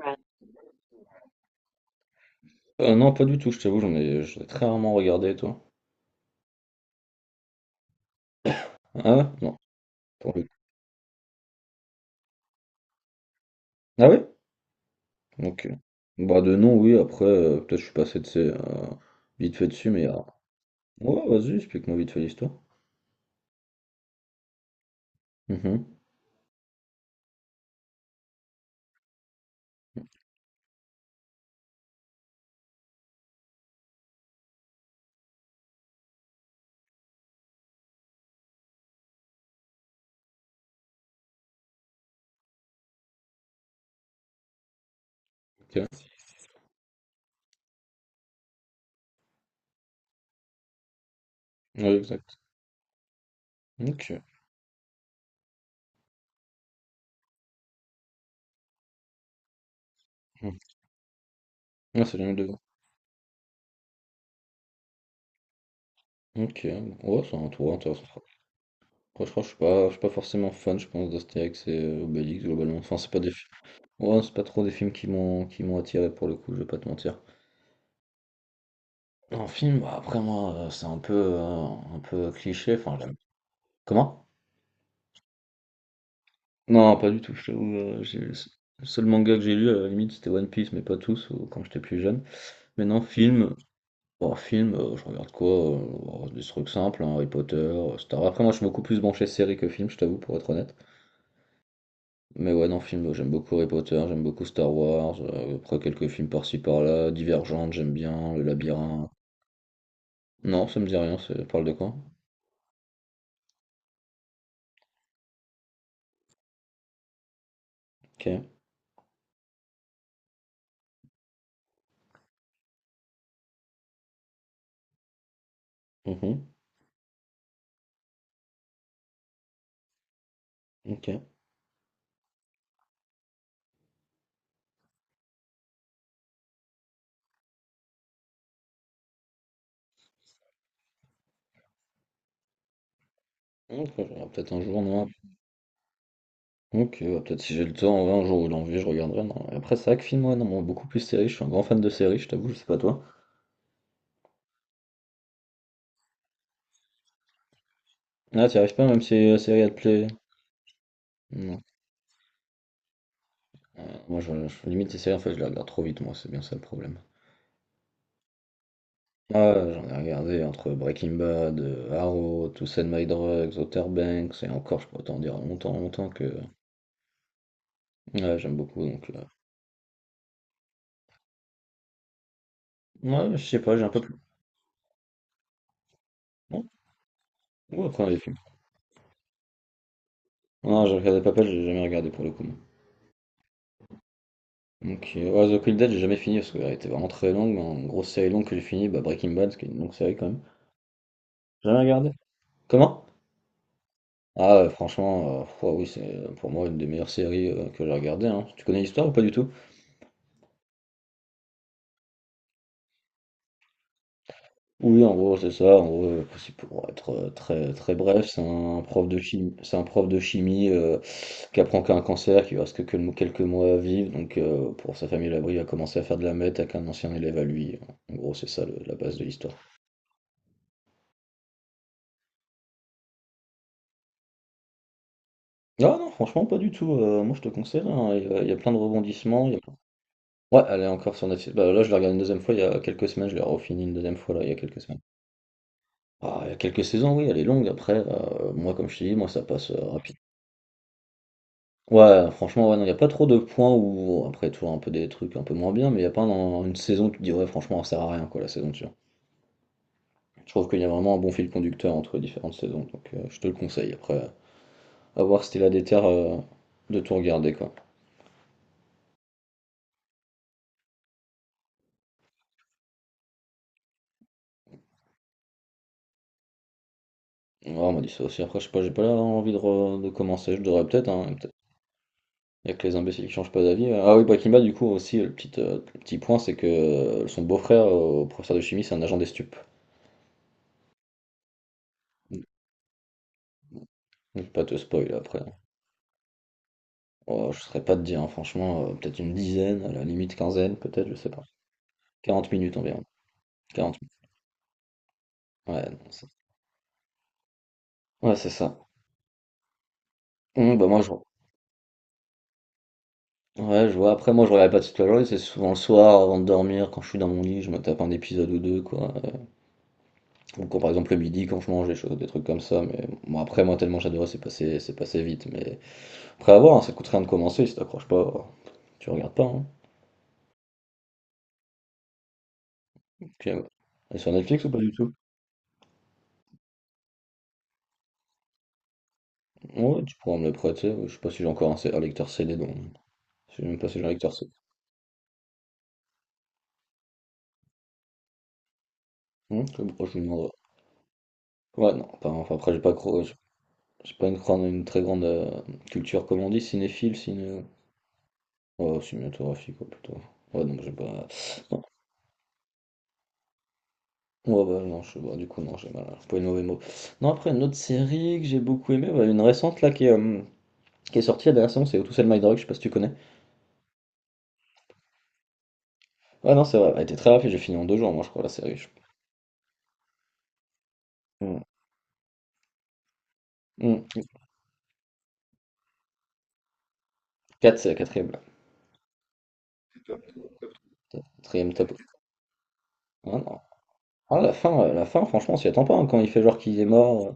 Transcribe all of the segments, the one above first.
Ouais. Non, pas du tout, je t'avoue, j'en ai très rarement regardé, toi. Ah ouais? Non, pour le coup. Ah ouais? Ok. Bah de nom, oui, après, peut-être je suis passé de ces, vite fait dessus, mais. Ouais, vas-y, explique-moi vite fait l'histoire. Mhm. Ok. Ouais, exact. Ok. Mhm. Ah, c'est jamais de. Ok, ouais, c'est un tour intéressant. Après, je crois que je suis pas forcément fan, je pense, d'Astérix et Obélix, globalement. Enfin, c'est pas des films. Ouais, c'est pas trop des films qui m'ont attiré, pour le coup, je vais pas te mentir. En film, bah, après moi, c'est un peu cliché, enfin j'aime comment? Non, pas du tout, je t'avoue, j'ai le seul manga que j'ai lu, à la limite, c'était One Piece, mais pas tous, ou quand j'étais plus jeune. Mais non, film, oh film, je regarde quoi? Heu, oh, des trucs simples, hein, Harry Potter, Star après moi je suis beaucoup plus branché série que film, je t'avoue, pour être honnête. Mais ouais, non, film, j'aime beaucoup Harry Potter, j'aime beaucoup Star Wars, après quelques films par-ci par-là, Divergente, j'aime bien, Le Labyrinthe. Non, ça me dit rien, ça parle de quoi? OK. Mmh. OK. Ok, je regarde peut-être un jour, non. Ok, ouais, peut-être si j'ai le temps, ouais, un jour ou l'envie, je regarderai. Non. Et après, c'est vrai que film, ouais, non, bon, beaucoup plus série, je suis un grand fan de séries, je t'avoue, je sais pas toi. Ah, t'y arrives pas, même si la série, elle te plaît. Non. Euh, moi, limite, les séries, en fait, je les regarde trop vite, moi, c'est bien ça le problème. Ah, j'en ai regardé entre Breaking Bad, Arrow, To Sell My Drugs, Outer Banks, et encore, je pourrais t'en dire longtemps, longtemps que ouais, j'aime beaucoup, donc. Ouais, je sais pas, j'ai un peu plus. Non, ou après, les films. Non, j'ai regardé pas mal, j'ai jamais regardé pour le coup. Donc, ouais, The Quick Dead, j'ai jamais fini parce qu'elle était vraiment très longue, mais en grosse série longue que j'ai fini, bah Breaking Bad, qui est une longue série quand même. J'ai jamais regardé. Comment? Ah, franchement, ouais, oui, c'est pour moi une des meilleures séries que j'ai regardées, hein. Tu connais l'histoire ou pas du tout? Oui, en gros, c'est ça. En gros, c'est pour être très très bref, c'est un prof de chimie, c'est un prof de chimie qui apprend qu'il a un cancer, qui lui reste que quelques mois à vivre. Donc, pour sa famille à l'abri, il a commencé à faire de la meth avec un ancien élève à lui. En gros, c'est ça la base de l'histoire. Non, non, franchement, pas du tout. Moi, je te conseille, hein. Il y a plein de rebondissements. Ouais, elle est encore sur Netflix. Bah, là, je l'ai regardée une deuxième fois il y a quelques semaines. Je l'ai refini une deuxième fois, là, il y a quelques semaines. Ah, il y a quelques saisons, oui, elle est longue. Après, moi, comme je te dis, moi, ça passe rapide. Ouais, franchement, ouais, non, il n'y a pas trop de points où, après, tu vois, un peu des trucs un peu moins bien, mais il n'y a pas une saison où tu te dis, ouais, franchement, ça sert à rien, quoi, la saison dessus. Je trouve qu'il y a vraiment un bon fil conducteur entre les différentes saisons. Donc, je te le conseille. Après, à voir si t'es là des terres de tout regarder, quoi. Ouais, on m'a dit ça aussi. Après, je sais pas, j'ai pas l'air d'avoir envie de, de commencer. Je devrais peut-être, hein. Mais peut-être. Il y a que les imbéciles qui changent pas d'avis. Ah oui, Bakimba, du coup, aussi, le petit point, c'est que son beau-frère, professeur de chimie, c'est un agent des stupes. Donc, je vais pas te spoil après, hein. Oh, je saurais pas te dire, hein, franchement, peut-être une dizaine, à la limite quinzaine, peut-être, je sais pas. 40 minutes environ. 40 minutes. Ouais, non, c'est ouais, c'est ça. Bah moi, je. Ouais, je vois. Après, moi, je regarde pas toute la journée, c'est souvent le soir, avant de dormir, quand je suis dans mon lit, je me tape un épisode ou deux, quoi. Ou quand par exemple le midi quand je mange des choses, des trucs comme ça, mais bon après moi tellement j'adorais c'est passé vite, mais après à voir hein, ça coûte rien de commencer si t'accroches pas, tu regardes pas hein. Ok, ouais. Et sur Netflix ou pas du tout? Ouais, tu pourras me le prêter, je sais pas si j'ai encore un, un lecteur CD, donc je sais même pas si j'ai un lecteur CD. Hmm, je vous demanderai. Ouais non, pas- enfin après j'ai pas une, une très grande culture comme on dit, cinéphile, ciné. Oh, cinématographique quoi, plutôt. Ouais donc j'ai pas. Ouais, bah, non, je bah, du coup, non, j'ai mal employé le mauvais mot. Non, après, une autre série que j'ai beaucoup aimée, bah, une récente là qui est sortie la dernière saison, c'est How to Sell My Dog, je sais pas si tu connais. Ouais, non, c'est vrai, elle était très rapide, j'ai fini en 2 jours, moi, je crois, la série. Hmm. Hmm. Quatre, c'est la quatrième, là. Quatrième top. Ah, non. Ah, la fin, franchement, on s'y attend pas, hein, quand il fait genre qu'il est mort,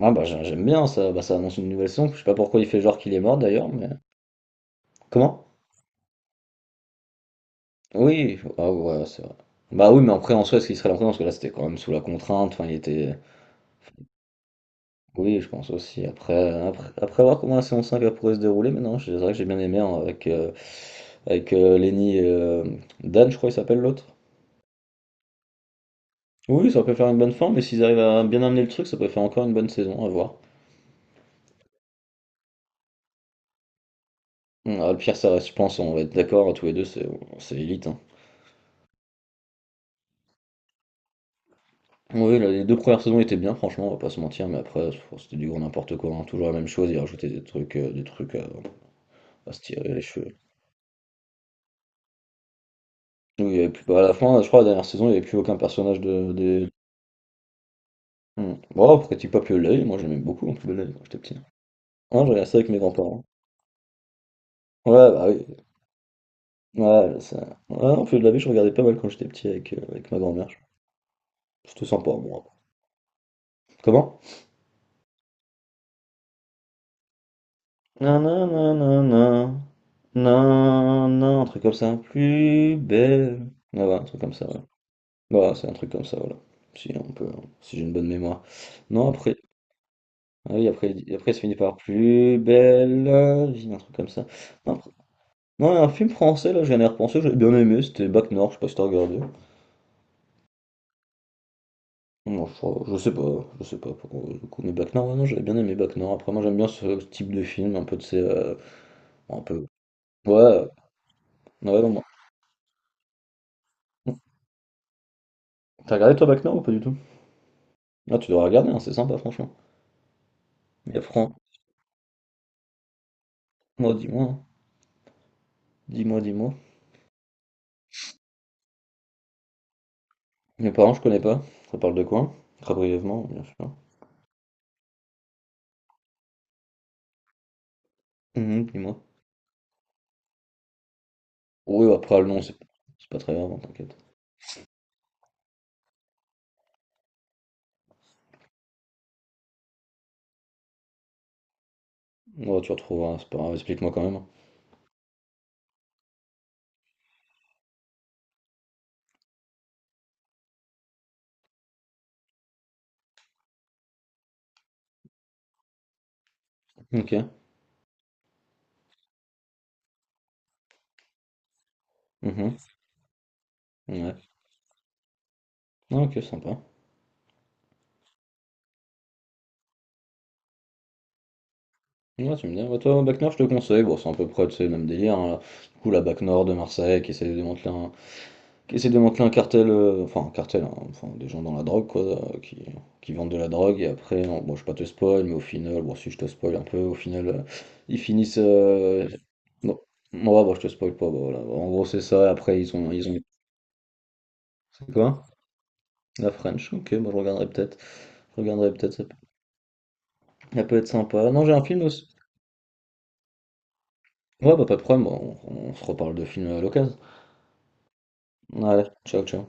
Ah, bah, j'aime bien ça, bah, ça annonce une nouvelle saison, je sais pas pourquoi il fait genre qu'il est mort d'ailleurs, mais. Comment? Oui, ah, ouais, c'est vrai. Bah oui, mais après, en soi, est-ce qu'il serait là? Parce que là, c'était quand même sous la contrainte, enfin, il était. Oui, je pense aussi. Après voir comment la saison 5 elle pourrait se dérouler, maintenant, c'est vrai que j'ai bien aimé, hein, avec, avec Lenny et, Dan, je crois qu'il s'appelle l'autre. Oui, ça peut faire une bonne fin, mais s'ils arrivent à bien amener le truc, ça peut faire encore une bonne saison, à voir. Ah, le pire, ça reste, je pense, on va être d'accord, tous les deux, c'est Elite, hein. Oui, là, les deux premières saisons étaient bien, franchement, on va pas se mentir, mais après, c'était du gros n'importe quoi, hein, toujours la même chose, ils rajoutaient des trucs à, se tirer les cheveux. Oui, il y avait plus, à la fin, je crois, la dernière saison, il n'y avait plus aucun personnage de, des. Mmh. Bon, après Tip-Top le Laid, moi j'aimais beaucoup en plus le Laid quand j'étais petit, hein. Je regardais ça avec mes grands-parents. Ouais, bah oui. Ouais, ça. Ouais, non, Feu de la vie, je regardais pas mal quand j'étais petit avec, avec ma grand-mère. C'était sympa, bon, après. Comment? Nananana, nanan, un truc comme ça. Plus belle. Ah ouais, un truc comme ça, ouais. Voilà, c'est un truc comme ça, voilà. Si on peut, si j'ai une bonne mémoire. Non, après, ah oui, après, après, ça finit par plus belle la vie, un truc comme ça. Non, ouais, un film français, là, je viens d'y repenser, j'avais bien aimé, c'était Bac Nord, je sais pas si t'as regardé. Non, je sais pas pour le coup, mais Bac Nord, ouais, non, j'avais bien aimé Bac Nord. Après, moi, j'aime bien ce type de film, un peu de ces, un peu. Ouais, ouais, non, moi. T'as regardé toi Bac Nord ou pas du tout? Ah, tu dois regarder, hein, c'est sympa, franchement. Mais après, moi, dis-moi, hein, dis-moi, dis-moi. Mes parents, je connais pas, ça parle de quoi? Très brièvement, bien sûr. Mhm, dis-moi. Oui, après, le nom, c'est pas très grave, hein, t'inquiète. Ouais, tu retrouveras, c'est pas grave, explique-moi quand même. Ok. Mhm. Ouais, ah, ok, sympa. Ouais, tu me dis, bah, toi, Bac Nord, je te conseille. Bon, c'est à peu près, tu sais, le même délire, hein. Du coup, la Bac Nord de Marseille qui essaie de démanteler un, qui essaie de démanteler un cartel, enfin, un cartel, hein, enfin, des gens dans la drogue, quoi, euh, qui, qui vendent de la drogue. Et après, bon, bon, je vais pas te spoil, mais au final, bon, si je te spoil un peu, au final, ils finissent, bon, ouais, bon, je te spoil pas, bon, voilà. En gros, c'est ça. Et après, c'est quoi? La French. Ok, moi, je regarderai peut-être. Je regarderai peut-être, ça peut être sympa. Non, j'ai un film aussi. Ouais, bah, pas de problème, bon, on se reparle de films à l'occasion. Vale, chao, chao.